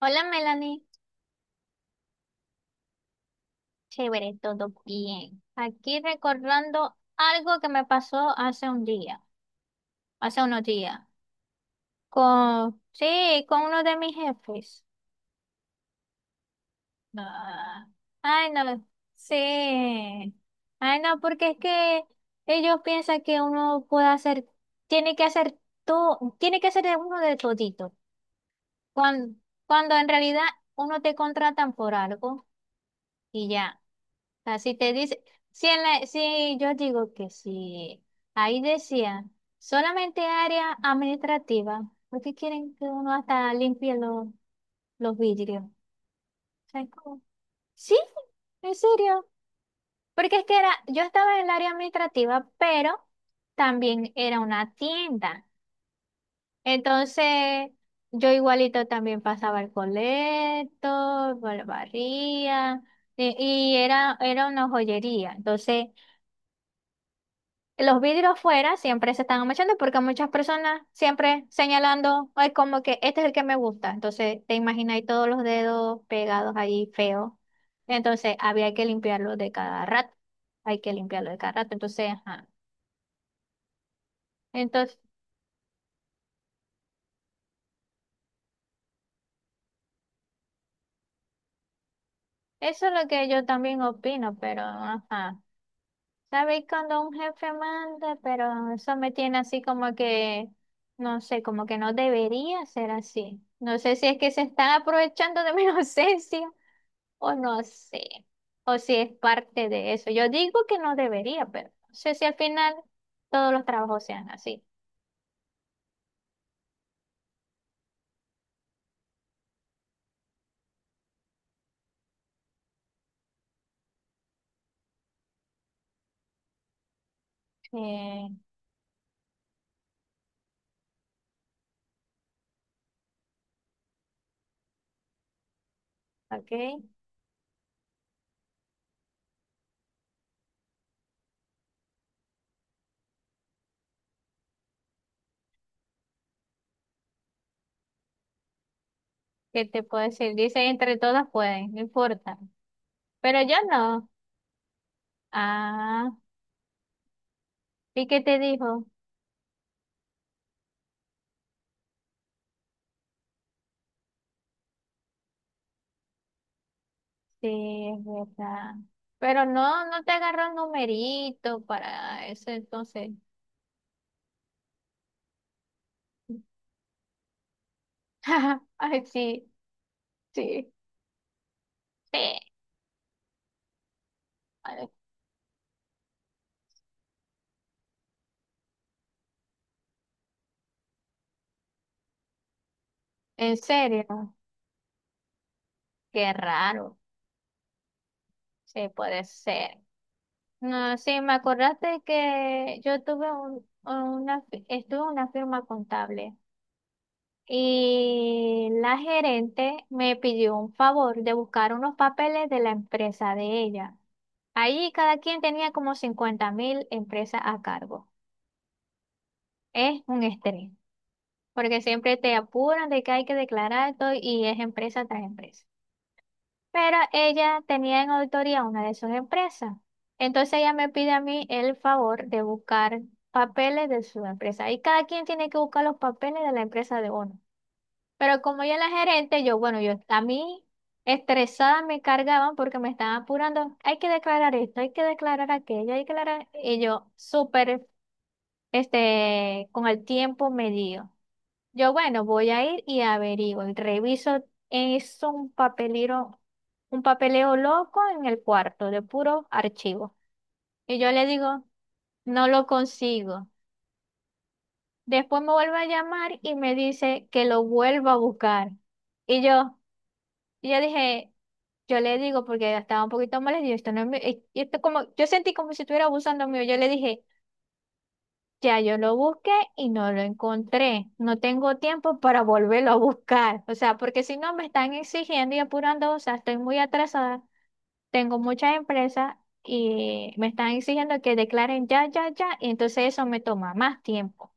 Hola Melanie, chévere, todo bien. Aquí recordando algo que me pasó hace un día, hace unos días, con, sí, con uno de mis jefes. Ah, ay, no, sí. Ay, no, porque es que ellos piensan que uno puede hacer, tiene que hacer todo, tiene que hacer de uno de todito, cuando, cuando en realidad uno te contratan por algo y ya. Sea, si te dice, si, si yo digo que si ahí decía solamente área administrativa, ¿por qué quieren que uno hasta limpie los vidrios? O sea, es como, sí, en serio. Porque es que era, yo estaba en el área administrativa, pero también era una tienda. Entonces, yo igualito también pasaba el colecto, barría, y, y era, era una joyería. Entonces, los vidrios fuera siempre se están manchando porque muchas personas siempre señalando, ay, como que este es el que me gusta. Entonces, te imaginas ahí todos los dedos pegados ahí feos. Entonces, había que limpiarlo de cada rato. Hay que limpiarlo de cada rato. Entonces, ajá. Entonces, eso es lo que yo también opino, pero ajá. ¿Sabéis cuando un jefe manda? Pero eso me tiene así como que, no sé, como que no debería ser así. No sé si es que se están aprovechando de mi inocencia, o no sé, o si es parte de eso. Yo digo que no debería, pero no sé si al final todos los trabajos sean así. Eh, ok, ¿qué te puedo decir? Dice, entre todas pueden, no importa. Pero yo no. Ah, ¿y qué te dijo? Sí, es verdad. Pero no, no te agarró el numerito para eso, entonces. Ay, sí, sí, sí. Ay, en serio, qué raro. Sí, puede ser. No, sí, me acordaste que yo tuve un, una, estuve en una firma contable y la gerente me pidió un favor de buscar unos papeles de la empresa de ella. Ahí cada quien tenía como 50.000 empresas a cargo. Es un estrés, porque siempre te apuran de que hay que declarar todo y es empresa tras empresa. Pero ella tenía en auditoría una de sus empresas. Entonces ella me pide a mí el favor de buscar papeles de su empresa. Y cada quien tiene que buscar los papeles de la empresa de uno. Pero como ella es la gerente, yo, bueno, yo a mí estresada me cargaban porque me estaban apurando. Hay que declarar esto, hay que declarar aquello, hay que declarar. Y yo súper, con el tiempo medido. Yo, bueno, voy a ir y averiguo y reviso. Es un papelero, un papeleo loco en el cuarto de puro archivo. Y yo le digo, no lo consigo. Después me vuelve a llamar y me dice que lo vuelva a buscar. Y yo, y yo dije, yo le digo, porque estaba un poquito molesta, y esto no es mi- y esto como, yo sentí como si estuviera abusando mío. Yo le dije, ya yo lo busqué y no lo encontré. No tengo tiempo para volverlo a buscar. O sea, porque si no me están exigiendo y apurando, o sea, estoy muy atrasada. Tengo muchas empresas y me están exigiendo que declaren ya, ya, ya. Y entonces eso me toma más tiempo.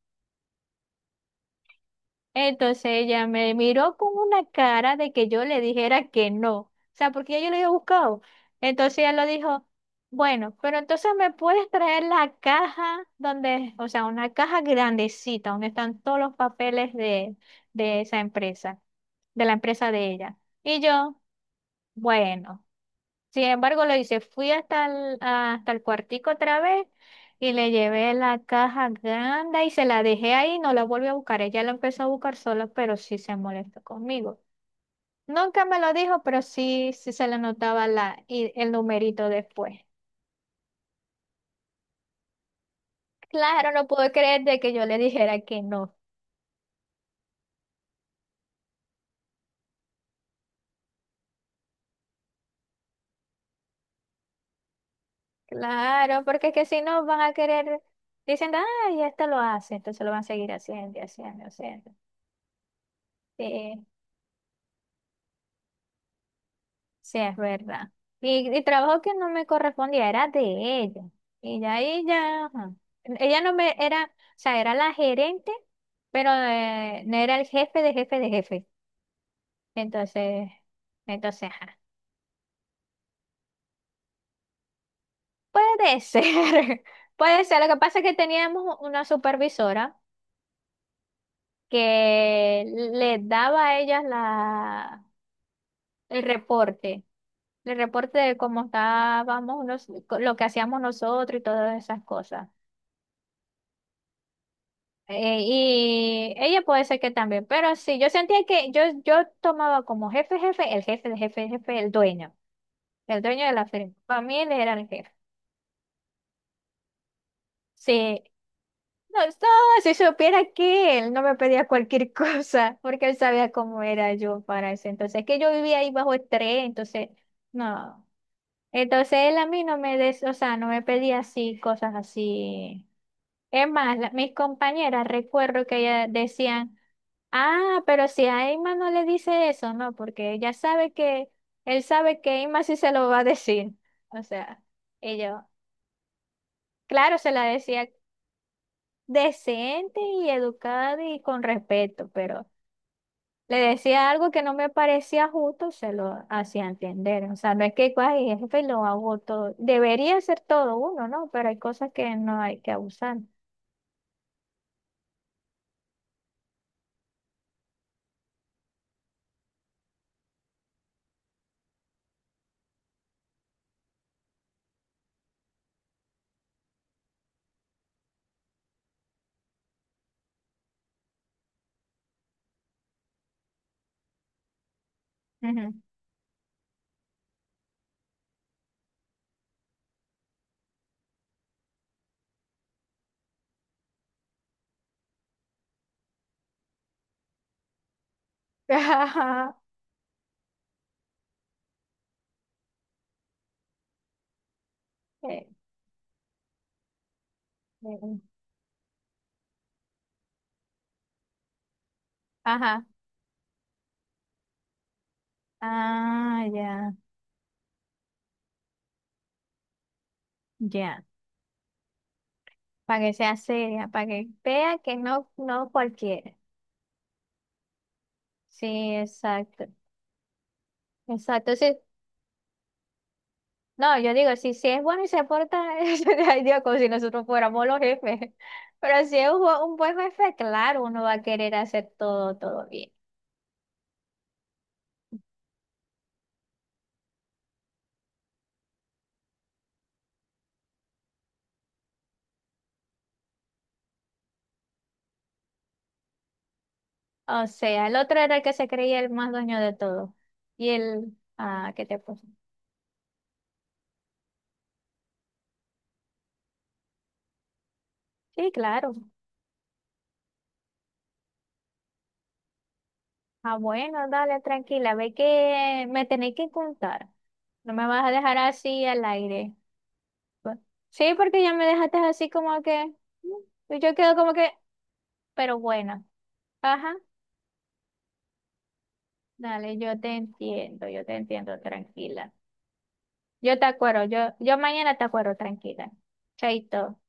Entonces ella me miró con una cara de que yo le dijera que no, o sea, porque ya yo lo había buscado. Entonces ella lo dijo, bueno, pero entonces me puedes traer la caja donde, o sea, una caja grandecita donde están todos los papeles de esa empresa, de la empresa de ella. Y yo, bueno. Sin embargo, lo hice, fui hasta el cuartico otra vez y le llevé la caja grande y se la dejé ahí, no la volví a buscar. Ella la empezó a buscar sola, pero sí se molestó conmigo. Nunca me lo dijo, pero sí, sí se le notaba la, y el numerito después. Claro, no puedo creer de que yo le dijera que no. Claro, porque es que si no van a querer, dicen, ay, esto lo hace, entonces lo van a seguir haciendo y haciendo, y haciendo. Sí. Sí, es verdad. Y trabajo que no me correspondía, era de ella. Y ya ella, ajá. Ella no me era, o sea, era la gerente, pero no era el jefe de jefe de jefe. Entonces, entonces, ajá. Puede ser, puede ser. Lo que pasa es que teníamos una supervisora que le daba a ellas la, el reporte, el reporte de cómo estábamos, lo que hacíamos nosotros y todas esas cosas. Y ella puede ser que también, pero sí, yo sentía que yo tomaba como jefe, jefe, el jefe, el jefe, el jefe, el dueño, el dueño de la firma. Para mí él era el jefe. Sí, no, no, si supiera que él no me pedía cualquier cosa, porque él sabía cómo era yo para eso. Entonces, que yo vivía ahí bajo estrés, entonces, no. Entonces él a mí no me des, o sea, no me pedía así, cosas así. Es más, mis compañeras, recuerdo que ellas decían... Ah, pero si a Emma no le dice eso, no, porque ella sabe que, él sabe que Emma sí se lo va a decir. O sea, ellos, claro, se la decía decente y educada y con respeto, pero le decía algo que no me parecía justo, se lo hacía entender. O sea, no es que "Ay, jefe lo hago todo. Debería ser todo uno, ¿no? Pero hay cosas que no hay que abusar. Ujú. Ajá. Eh, eh, ajá. Ah, ya, ya. Para que sea seria, para que vea que no, no cualquiera. Sí, exacto, exacto. Sí, no, yo digo, si, si es bueno y se porta, ay Dios, como si nosotros fuéramos los jefes. Pero si es un, un buen jefe, claro, uno va a querer hacer todo, todo bien. O sea, el otro era el que se creía el más dueño de todo. Y el, ah, ¿qué te puso? Sí, claro. Ah, bueno, dale, tranquila, ve que me tenéis que contar. No me vas a dejar así al aire. Bueno, sí, porque ya me dejaste así como que, mm, y yo quedo como que, pero bueno, ajá, dale, yo te entiendo, tranquila. Yo te acuerdo, yo mañana te acuerdo, tranquila. Chaito.